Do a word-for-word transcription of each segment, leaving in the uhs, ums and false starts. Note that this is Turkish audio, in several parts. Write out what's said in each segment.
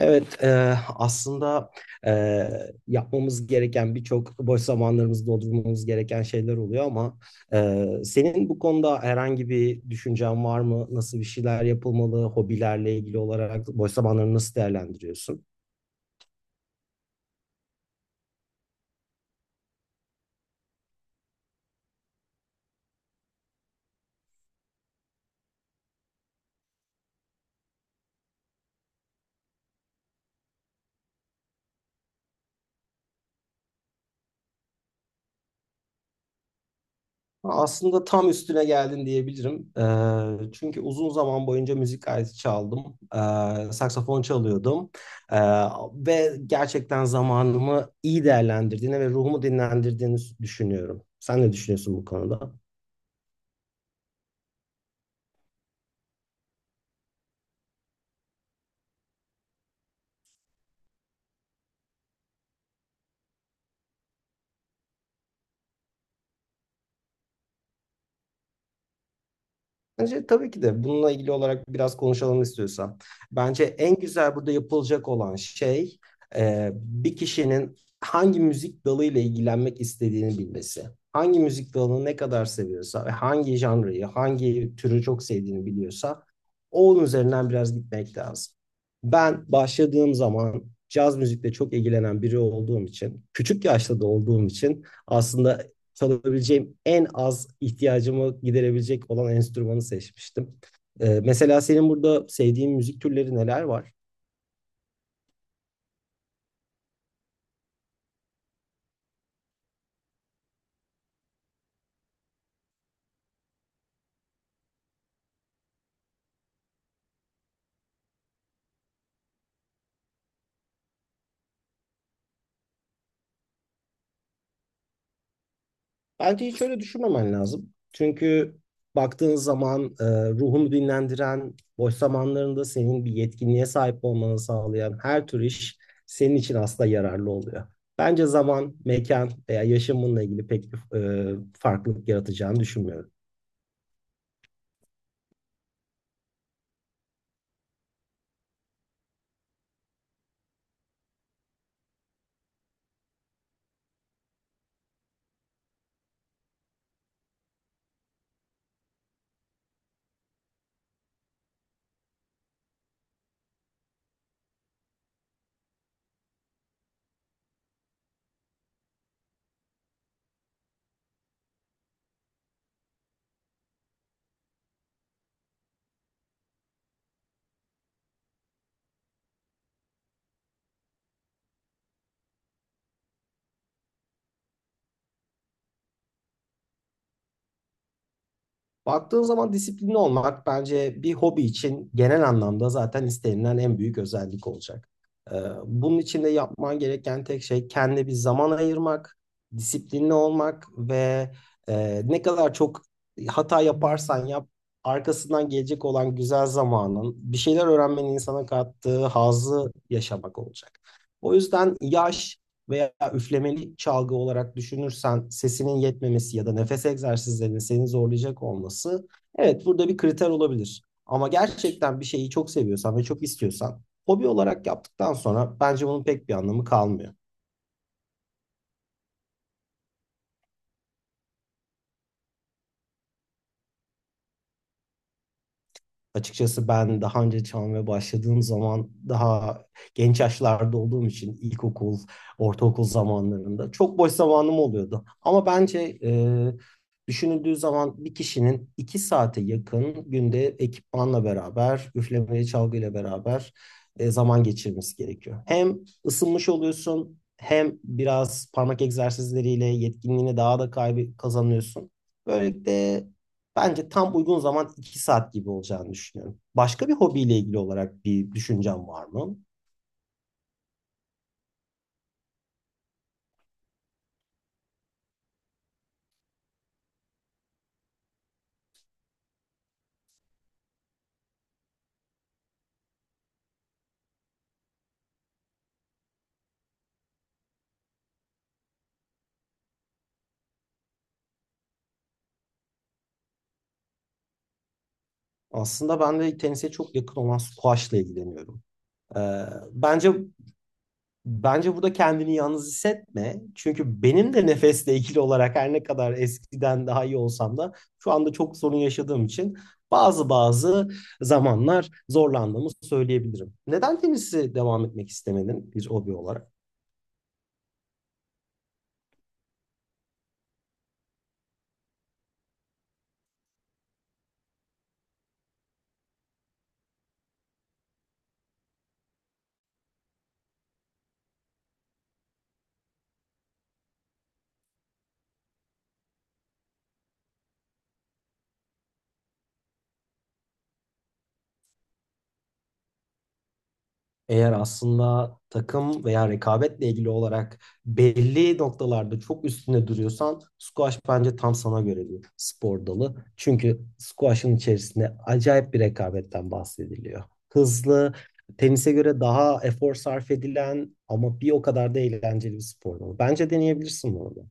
Evet, e, aslında e, yapmamız gereken birçok boş zamanlarımızı doldurmamız gereken şeyler oluyor ama e, senin bu konuda herhangi bir düşüncen var mı? Nasıl bir şeyler yapılmalı? Hobilerle ilgili olarak boş zamanlarını nasıl değerlendiriyorsun? Aslında tam üstüne geldin diyebilirim. Ee, çünkü uzun zaman boyunca müzik aleti çaldım. Ee, saksafon çalıyordum. Ee, Ve gerçekten zamanımı iyi değerlendirdiğini ve ruhumu dinlendirdiğini düşünüyorum. Sen ne düşünüyorsun bu konuda? Bence tabii ki de bununla ilgili olarak biraz konuşalım istiyorsan. Bence en güzel burada yapılacak olan şey e, bir kişinin hangi müzik dalıyla ilgilenmek istediğini bilmesi. Hangi müzik dalını ne kadar seviyorsa ve hangi janrayı, hangi türü çok sevdiğini biliyorsa onun üzerinden biraz gitmek lazım. Ben başladığım zaman caz müzikle çok ilgilenen biri olduğum için, küçük yaşta da olduğum için aslında çalabileceğim en az ihtiyacımı giderebilecek olan enstrümanı seçmiştim. Ee, mesela senin burada sevdiğin müzik türleri neler var? Bence hiç öyle düşünmemen lazım. Çünkü baktığın zaman e, ruhunu dinlendiren, boş zamanlarında senin bir yetkinliğe sahip olmanı sağlayan her tür iş senin için aslında yararlı oluyor. Bence zaman, mekan veya yaşam bununla ilgili pek bir e, farklılık yaratacağını düşünmüyorum. Baktığın zaman disiplinli olmak bence bir hobi için genel anlamda zaten istenilen en büyük özellik olacak. Ee, Bunun için de yapman gereken tek şey kendine bir zaman ayırmak, disiplinli olmak ve e, ne kadar çok hata yaparsan yap, arkasından gelecek olan güzel zamanın, bir şeyler öğrenmenin insana kattığı hazzı yaşamak olacak. O yüzden yaş veya üflemeli çalgı olarak düşünürsen sesinin yetmemesi ya da nefes egzersizlerinin seni zorlayacak olması evet burada bir kriter olabilir. Ama gerçekten bir şeyi çok seviyorsan ve çok istiyorsan hobi olarak yaptıktan sonra bence bunun pek bir anlamı kalmıyor. Açıkçası ben daha önce çalmaya başladığım zaman daha genç yaşlarda olduğum için ilkokul, ortaokul zamanlarında çok boş zamanım oluyordu. Ama bence e, düşünüldüğü zaman bir kişinin iki saate yakın günde ekipmanla beraber, üflemeli çalgıyla beraber e, zaman geçirmesi gerekiyor. Hem ısınmış oluyorsun hem biraz parmak egzersizleriyle yetkinliğini daha da kaybı kazanıyorsun. Böylelikle bence tam uygun zaman iki saat gibi olacağını düşünüyorum. Başka bir hobiyle ilgili olarak bir düşüncem var mı? Aslında ben de tenise çok yakın olan squash'la ilgileniyorum. Ee, bence bence burada kendini yalnız hissetme. Çünkü benim de nefesle ilgili olarak her ne kadar eskiden daha iyi olsam da şu anda çok sorun yaşadığım için bazı bazı zamanlar zorlandığımı söyleyebilirim. Neden tenisi devam etmek istemedin bir hobi olarak? Eğer aslında takım veya rekabetle ilgili olarak belli noktalarda çok üstüne duruyorsan squash bence tam sana göre bir spor dalı. Çünkü squash'ın içerisinde acayip bir rekabetten bahsediliyor. Hızlı, tenise göre daha efor sarf edilen ama bir o kadar da eğlenceli bir spor dalı. Bence deneyebilirsin bunu.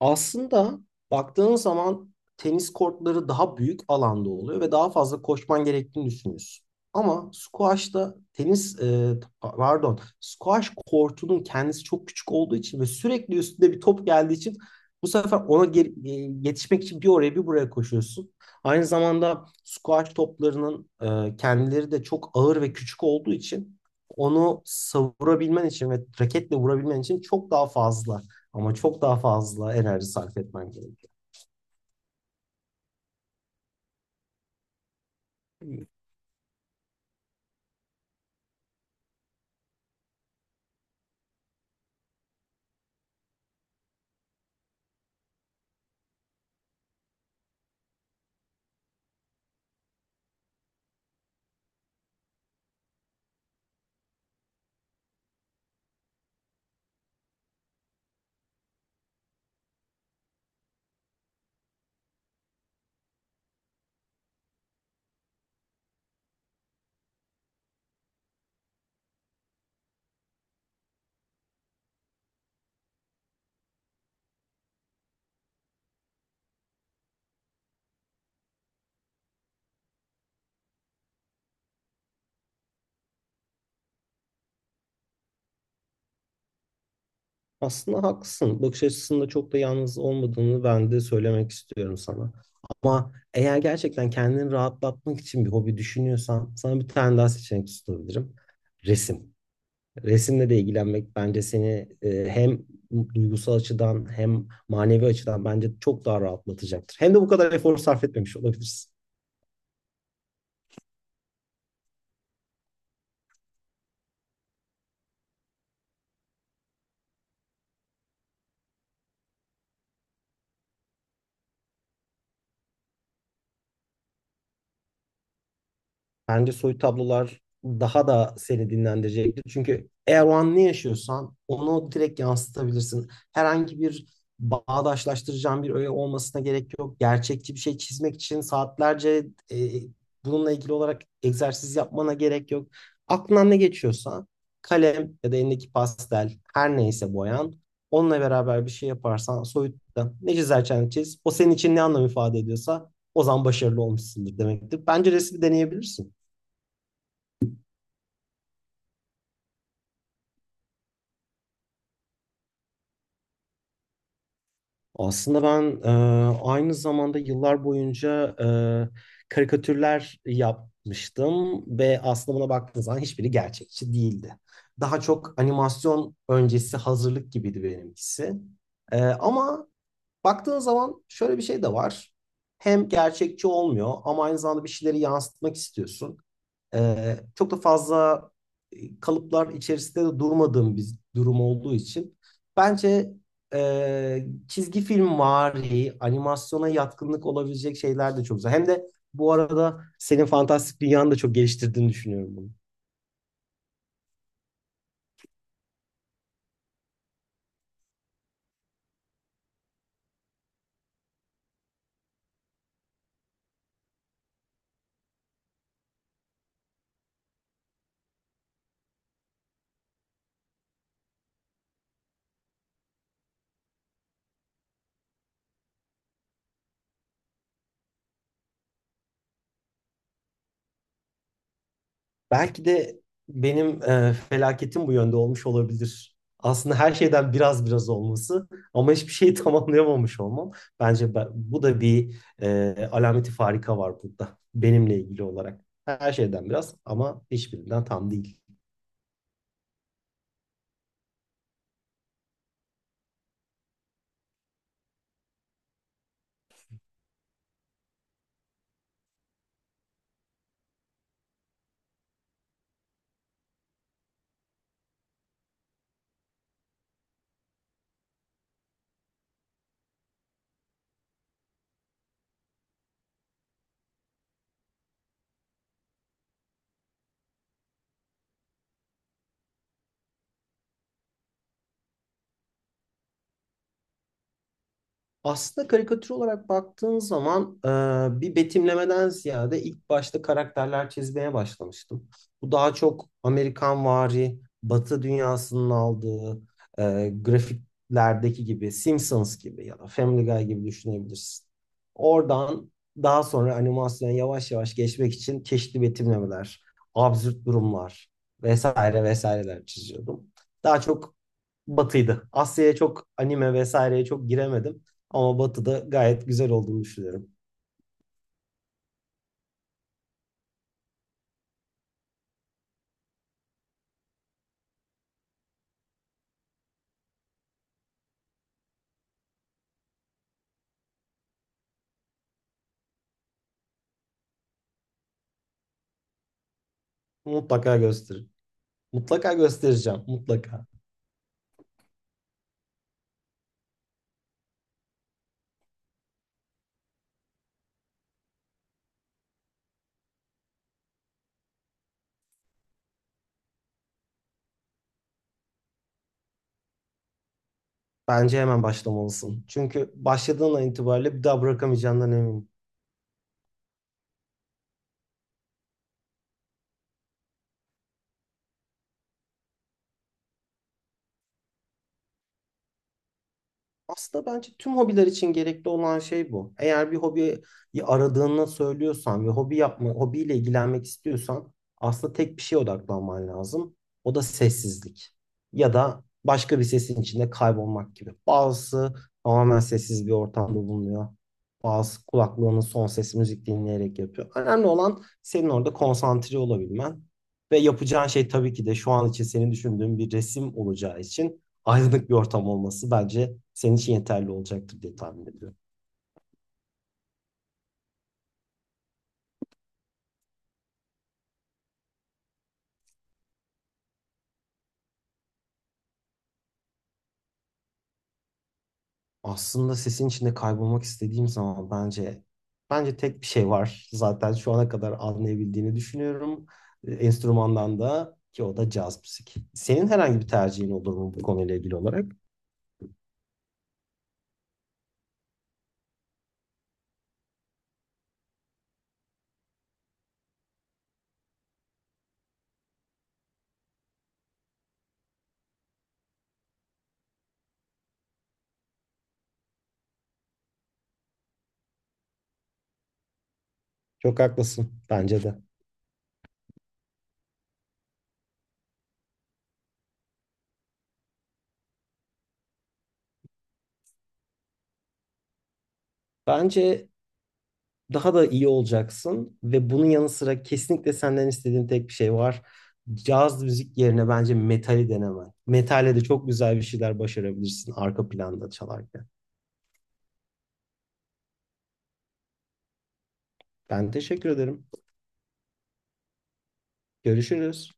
Aslında baktığın zaman tenis kortları daha büyük alanda oluyor ve daha fazla koşman gerektiğini düşünüyorsun. Ama squash'ta tenis e, pardon squash kortunun kendisi çok küçük olduğu için ve sürekli üstünde bir top geldiği için bu sefer ona ge- e, yetişmek için bir oraya bir buraya koşuyorsun. Aynı zamanda squash toplarının e, kendileri de çok ağır ve küçük olduğu için onu savurabilmen için ve raketle vurabilmen için çok daha fazla ama çok daha fazla enerji sarf etmen gerekiyor. Aslında haklısın. Bakış açısında çok da yalnız olmadığını ben de söylemek istiyorum sana. Ama eğer gerçekten kendini rahatlatmak için bir hobi düşünüyorsan sana bir tane daha seçenek sunabilirim. Resim. Resimle de ilgilenmek bence seni e, hem duygusal açıdan hem manevi açıdan bence çok daha rahatlatacaktır. Hem de bu kadar efor sarf etmemiş olabilirsin. Bence soyut tablolar daha da seni dinlendirecektir. Çünkü eğer o an ne yaşıyorsan onu direkt yansıtabilirsin. Herhangi bir bağdaşlaştıracağın bir öğe olmasına gerek yok. Gerçekçi bir şey çizmek için saatlerce e, bununla ilgili olarak egzersiz yapmana gerek yok. Aklından ne geçiyorsa kalem ya da elindeki pastel her neyse boyan onunla beraber bir şey yaparsan soyutta ne çizersen çiz. O senin için ne anlam ifade ediyorsa o zaman başarılı olmuşsundur demektir. Bence resmi deneyebilirsin. Aslında ben e, aynı zamanda yıllar boyunca e, karikatürler yapmıştım ve aslında buna baktığınız zaman hiçbiri gerçekçi değildi. Daha çok animasyon öncesi hazırlık gibiydi benimkisi. E, ama baktığın zaman şöyle bir şey de var. Hem gerçekçi olmuyor ama aynı zamanda bir şeyleri yansıtmak istiyorsun. Ee, çok da fazla e, kalıplar içerisinde de durmadığım bir durum olduğu için bence e, çizgi film vari, animasyona yatkınlık olabilecek şeyler de çok güzel. Hem de bu arada senin fantastik dünyanı da çok geliştirdiğini düşünüyorum bunu. Belki de benim e, felaketim bu yönde olmuş olabilir. Aslında her şeyden biraz biraz olması ama hiçbir şeyi tamamlayamamış olmam. Bence ben- bu da bir e, alameti farika var burada benimle ilgili olarak. Her şeyden biraz ama hiçbirinden tam değil. Aslında karikatür olarak baktığın zaman e, bir betimlemeden ziyade ilk başta karakterler çizmeye başlamıştım. Bu daha çok Amerikanvari, Batı dünyasının aldığı e, grafiklerdeki gibi Simpsons gibi ya da Family Guy gibi düşünebilirsin. Oradan daha sonra animasyona yavaş yavaş geçmek için çeşitli betimlemeler, absürt durumlar vesaire vesaireler çiziyordum. Daha çok Batı'ydı. Asya'ya çok anime vesaireye çok giremedim. Ama Batı'da gayet güzel olduğunu düşünüyorum. Mutlaka gösterir. Mutlaka göstereceğim. Mutlaka. Bence hemen başlamalısın. Çünkü başladığın an itibariyle bir daha bırakamayacağından eminim. Aslında bence tüm hobiler için gerekli olan şey bu. Eğer bir hobiyi aradığını söylüyorsan ve hobi yapma, hobiyle ilgilenmek istiyorsan aslında tek bir şeye odaklanman lazım. O da sessizlik. Ya da başka bir sesin içinde kaybolmak gibi. Bazısı tamamen sessiz bir ortamda bulunuyor. Bazısı kulaklığının son ses müzik dinleyerek yapıyor. Önemli olan senin orada konsantre olabilmen. Ve yapacağın şey tabii ki de şu an için senin düşündüğün bir resim olacağı için aydınlık bir ortam olması bence senin için yeterli olacaktır diye tahmin ediyorum. Aslında sesin içinde kaybolmak istediğim zaman bence bence tek bir şey var. Zaten şu ana kadar anlayabildiğini düşünüyorum. E, Enstrümandan da ki o da caz müzik. Senin herhangi bir tercihin olur mu bu konuyla ilgili olarak? Çok haklısın. Bence de. Bence daha da iyi olacaksın ve bunun yanı sıra kesinlikle senden istediğim tek bir şey var. Caz müzik yerine bence metali denemen. Metale de çok güzel bir şeyler başarabilirsin arka planda çalarken. Ben teşekkür ederim. Görüşürüz.